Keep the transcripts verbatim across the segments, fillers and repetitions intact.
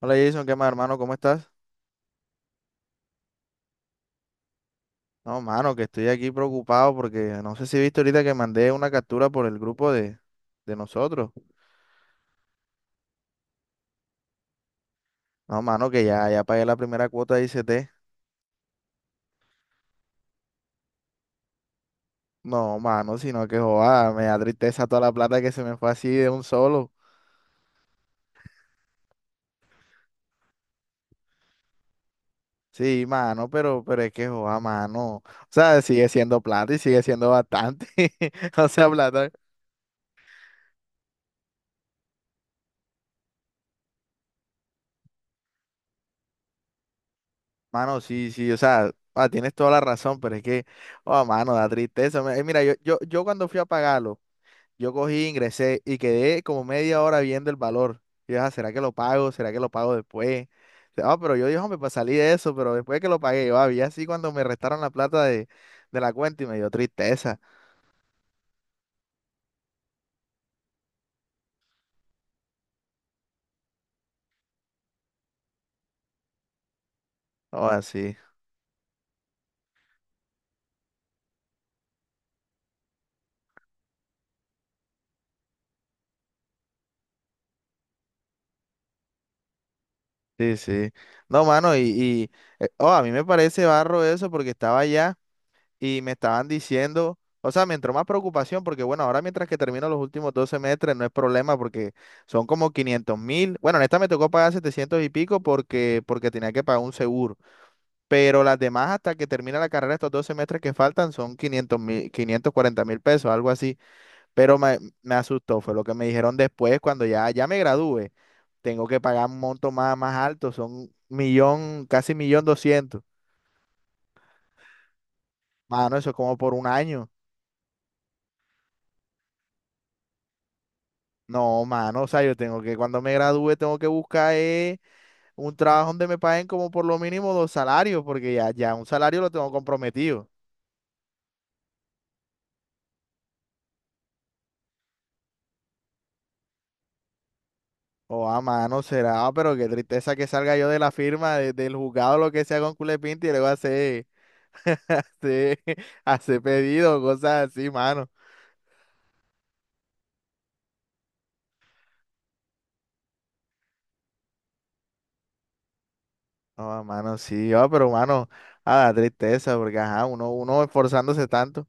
Hola Jason, ¿qué más hermano? ¿Cómo estás? No, mano, que estoy aquí preocupado porque no sé si viste ahorita que mandé una captura por el grupo de, de nosotros. No, mano, que ya, ya pagué la primera cuota de I C T. No, mano, sino que joda, me da tristeza toda la plata que se me fue así de un solo. Sí, mano, pero, pero es que joda, mano. O sea, sigue siendo plata y sigue siendo bastante. O sea, plata. Mano, sí, sí, o sea, ah, tienes toda la razón, pero es que, oh, mano, da tristeza. Me- eh, mira, yo, yo, yo cuando fui a pagarlo. Yo cogí, ingresé y quedé como media hora viendo el valor. Y yo, "Ah, ¿será que lo pago? ¿Será que lo pago después? Ah, pero yo dije, hombre, pues salí de eso, pero después que lo pagué, yo había así cuando me restaron la plata de, de la cuenta y me dio tristeza. Oh, así. Sí, sí. No, mano, y, y eh, oh, a mí me parece barro eso porque estaba allá. Y me estaban diciendo, o sea, me entró más preocupación porque, bueno, ahora mientras que termino los últimos dos semestres no es problema porque son como quinientos mil. Bueno, en esta me tocó pagar setecientos y pico porque, porque tenía que pagar un seguro, pero las demás hasta que termina la carrera, estos dos semestres que faltan son quinientos mil, quinientos cuarenta mil pesos, algo así. Pero me, me asustó, fue lo que me dijeron después cuando ya, ya me gradúe. Tengo que pagar un monto más, más alto, son millón, casi millón doscientos. Mano, eso es como por un año. No, mano, o sea, yo tengo que, cuando me gradúe, tengo que buscar eh, un trabajo donde me paguen como por lo mínimo dos salarios, porque ya, ya un salario lo tengo comprometido. O a mano será, pero qué tristeza que salga yo de la firma, de- del juzgado, lo que sea con culepinti y luego hacer, hacer, hacer pedido, cosas así, mano. No, a mano, sí, ah, pero mano, a la tristeza, porque ajá, uno, uno esforzándose tanto.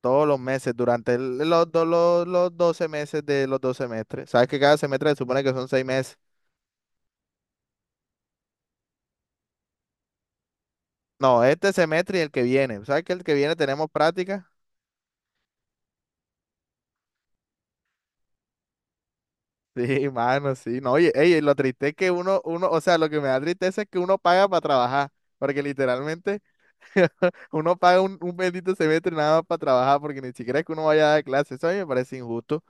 Todos los meses, durante el- los, do- los, los doce meses de los dos semestres. Sabes que cada semestre se supone que son seis meses. No, este semestre y el que viene. ¿Sabes que el que viene tenemos práctica? Sí, mano, sí. No, oye, ey, lo triste es que uno, uno, o sea, lo que me da tristeza es que uno paga para trabajar. Porque literalmente uno paga un, un bendito semestre nada más para trabajar, porque ni siquiera es que uno vaya a dar clases. Eso a mí me parece injusto.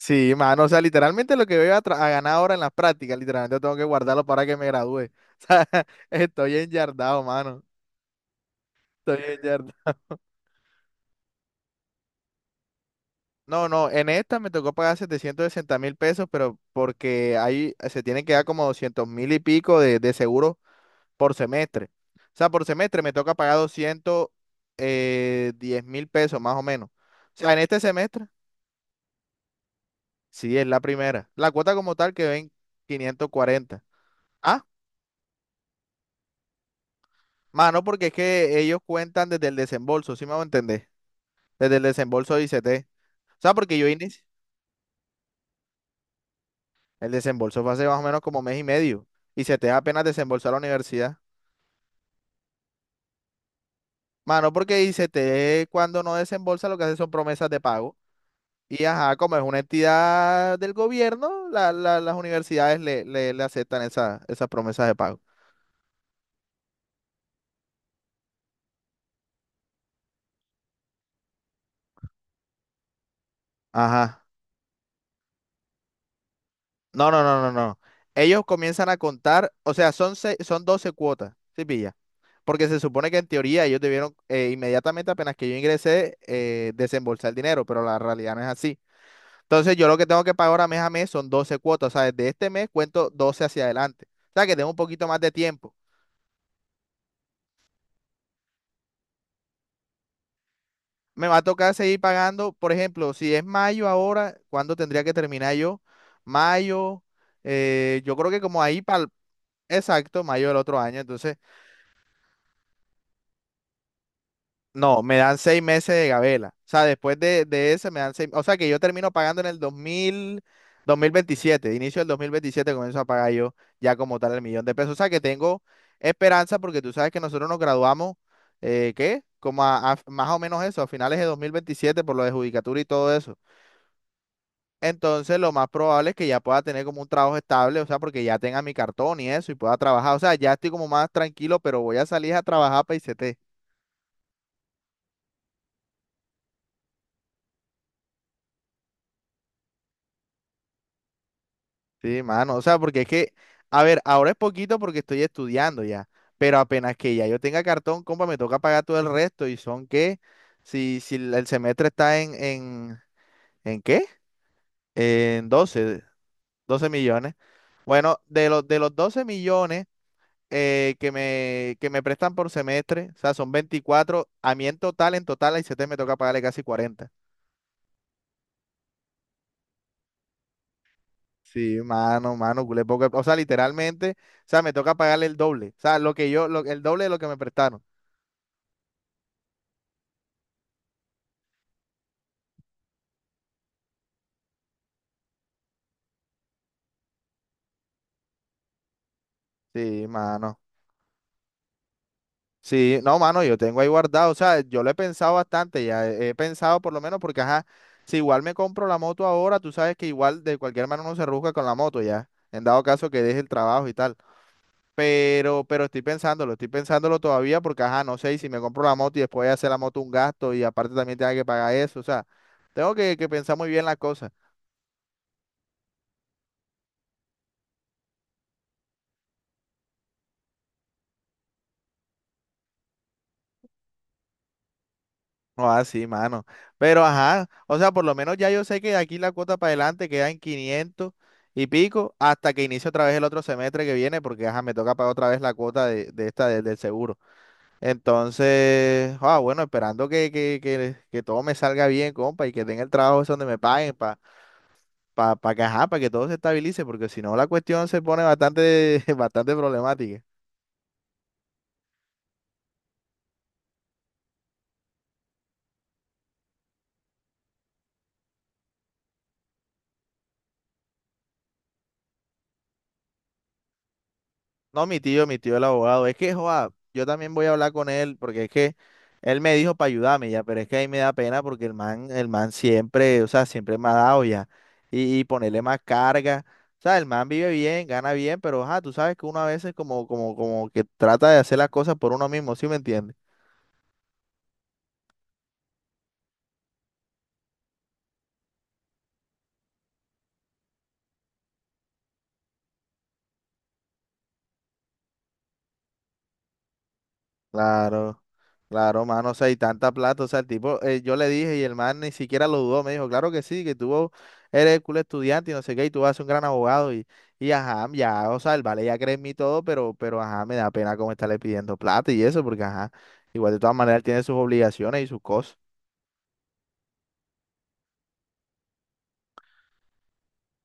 Sí, mano, o sea, literalmente lo que voy a, tra- a ganar ahora en las prácticas, literalmente tengo que guardarlo para que me gradúe. O sea, estoy enyardado, mano. Estoy enyardado. No, no, en esta me tocó pagar setecientos sesenta mil pesos, pero porque ahí se tienen que dar como doscientos mil y pico de, de, seguro por semestre. O sea, por semestre me toca pagar doscientos eh, diez mil pesos más o menos. O sea, en este semestre, sí, es la primera. La cuota como tal que ven quinientos cuarenta. Mano, porque es que ellos cuentan desde el desembolso, ¿sí me hago entender? Desde el desembolso de I C T. O sea, porque yo inicié, el desembolso fue hace más o menos como mes y medio. I C T apenas desembolsó a la universidad. Mano, porque I C T cuando no desembolsa lo que hace son promesas de pago. Y ajá, como es una entidad del gobierno, la- la- las universidades le, le- le aceptan esa- esas promesas de pago. Ajá. No, no, no, no, no. Ellos comienzan a contar, o sea, son, se- son doce cuotas, ¿sí pilla? Porque se supone que en teoría ellos debieron eh, inmediatamente apenas que yo ingresé eh, desembolsar el dinero, pero la realidad no es así. Entonces yo lo que tengo que pagar ahora mes a mes son doce cuotas, o sea, desde este mes cuento doce hacia adelante. O sea, que tengo un poquito más de tiempo. Me va a tocar seguir pagando, por ejemplo, si es mayo ahora, ¿cuándo tendría que terminar yo? Mayo, eh, yo creo que como ahí para exacto, mayo del otro año. Entonces... No, me dan seis meses de gabela. O sea, después de, de ese me dan seis. O sea, que yo termino pagando en el dos dos mil dos mil veintisiete. Inicio del dos mil veintisiete, comienzo a pagar yo ya como tal el millón de pesos. O sea, que tengo esperanza porque tú sabes que nosotros nos graduamos, eh, ¿qué? Como a, a- más o menos eso, a finales de dos mil veintisiete por lo de judicatura y todo eso. Entonces, lo más probable es que ya pueda tener como un trabajo estable, o sea, porque ya tenga mi cartón y eso y pueda trabajar. O sea, ya estoy como más tranquilo, pero voy a salir a trabajar para I C T. Sí, mano, o sea, porque es que, a ver, ahora es poquito porque estoy estudiando ya, pero apenas que ya yo tenga cartón, compa, me toca pagar todo el resto y son que, si, si el el semestre está en, en, ¿en qué? En doce, doce millones. Bueno, de los, de los doce millones eh, que me, que me prestan por semestre, o sea, son veinticuatro a mí en total, en total, a te me toca pagarle casi cuarenta. Sí, mano, mano, culé poco. O sea, literalmente, o sea, me toca pagarle el doble, o sea, lo que yo, lo, el doble de lo que me prestaron. Sí, mano. Sí, no, mano, yo tengo ahí guardado. O sea, yo lo he pensado bastante, ya he, he pensado por lo menos porque, ajá, si igual me compro la moto ahora, tú sabes que igual de cualquier manera uno se rusca con la moto, ya, en dado caso que deje el trabajo y tal. Pero, pero estoy pensándolo, estoy pensándolo todavía porque, ajá, no sé, y si me compro la moto y después voy a hacer la moto un gasto y aparte también tenga que pagar eso, o sea, tengo que, que pensar muy bien la cosa. No, así, mano. Pero ajá, o sea, por lo menos ya yo sé que de aquí la cuota para adelante queda en quinientos y pico hasta que inicie otra vez el otro semestre que viene, porque ajá, me toca pagar otra vez la cuota de, de esta de- del seguro. Entonces, ah, bueno, esperando que, que, que, que todo me salga bien, compa, y que tenga el trabajo ese donde me paguen para pa, pa pa que ajá, para que todo se estabilice, porque si no la cuestión se pone bastante, bastante problemática. No, mi tío, mi tío el abogado. Es que, joa, yo también voy a hablar con él porque es que él me dijo para ayudarme ya, pero es que ahí me da pena porque el man, el man siempre, o sea, siempre me ha dado ya. Y, y ponerle más carga. O sea, el man vive bien, gana bien, pero, ajá, tú sabes que uno a veces como, como, como que trata de hacer las cosas por uno mismo, ¿sí me entiendes? Claro. Claro, mano, o sea, y tanta plata, o sea, el tipo, eh, yo le dije y el man ni siquiera lo dudó, me dijo, claro que sí, que tú eres cool estudiante y no sé qué, y tú vas a ser un gran abogado, y, y ajá, ya, o sea, el vale ya cree en mí y todo, pero, pero ajá, me da pena como estarle pidiendo plata y eso, porque ajá, igual de todas maneras él tiene sus obligaciones y sus cosas.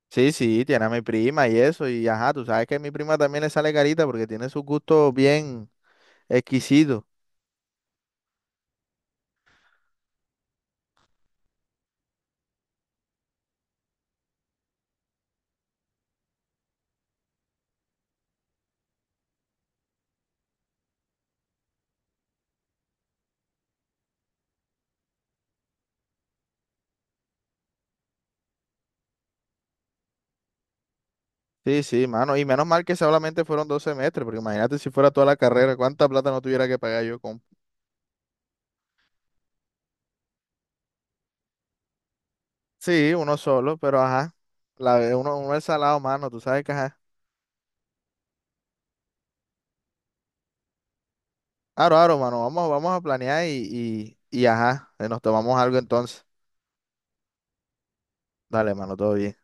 Sí, sí, tiene a mi prima y eso, y ajá, tú sabes que a mi prima también le sale carita porque tiene sus gustos bien exquisitos. Sí, sí, mano, y menos mal que solamente fueron dos semestres, porque imagínate si fuera toda la carrera, cuánta plata no tuviera que pagar yo, compa. Sí, uno solo, pero ajá. La, ve- uno, uno es salado, mano, tú sabes que ajá. Aro, aro, mano, vamos, vamos a planear y, y, y ajá, eh, nos tomamos algo entonces. Dale, mano, todo bien.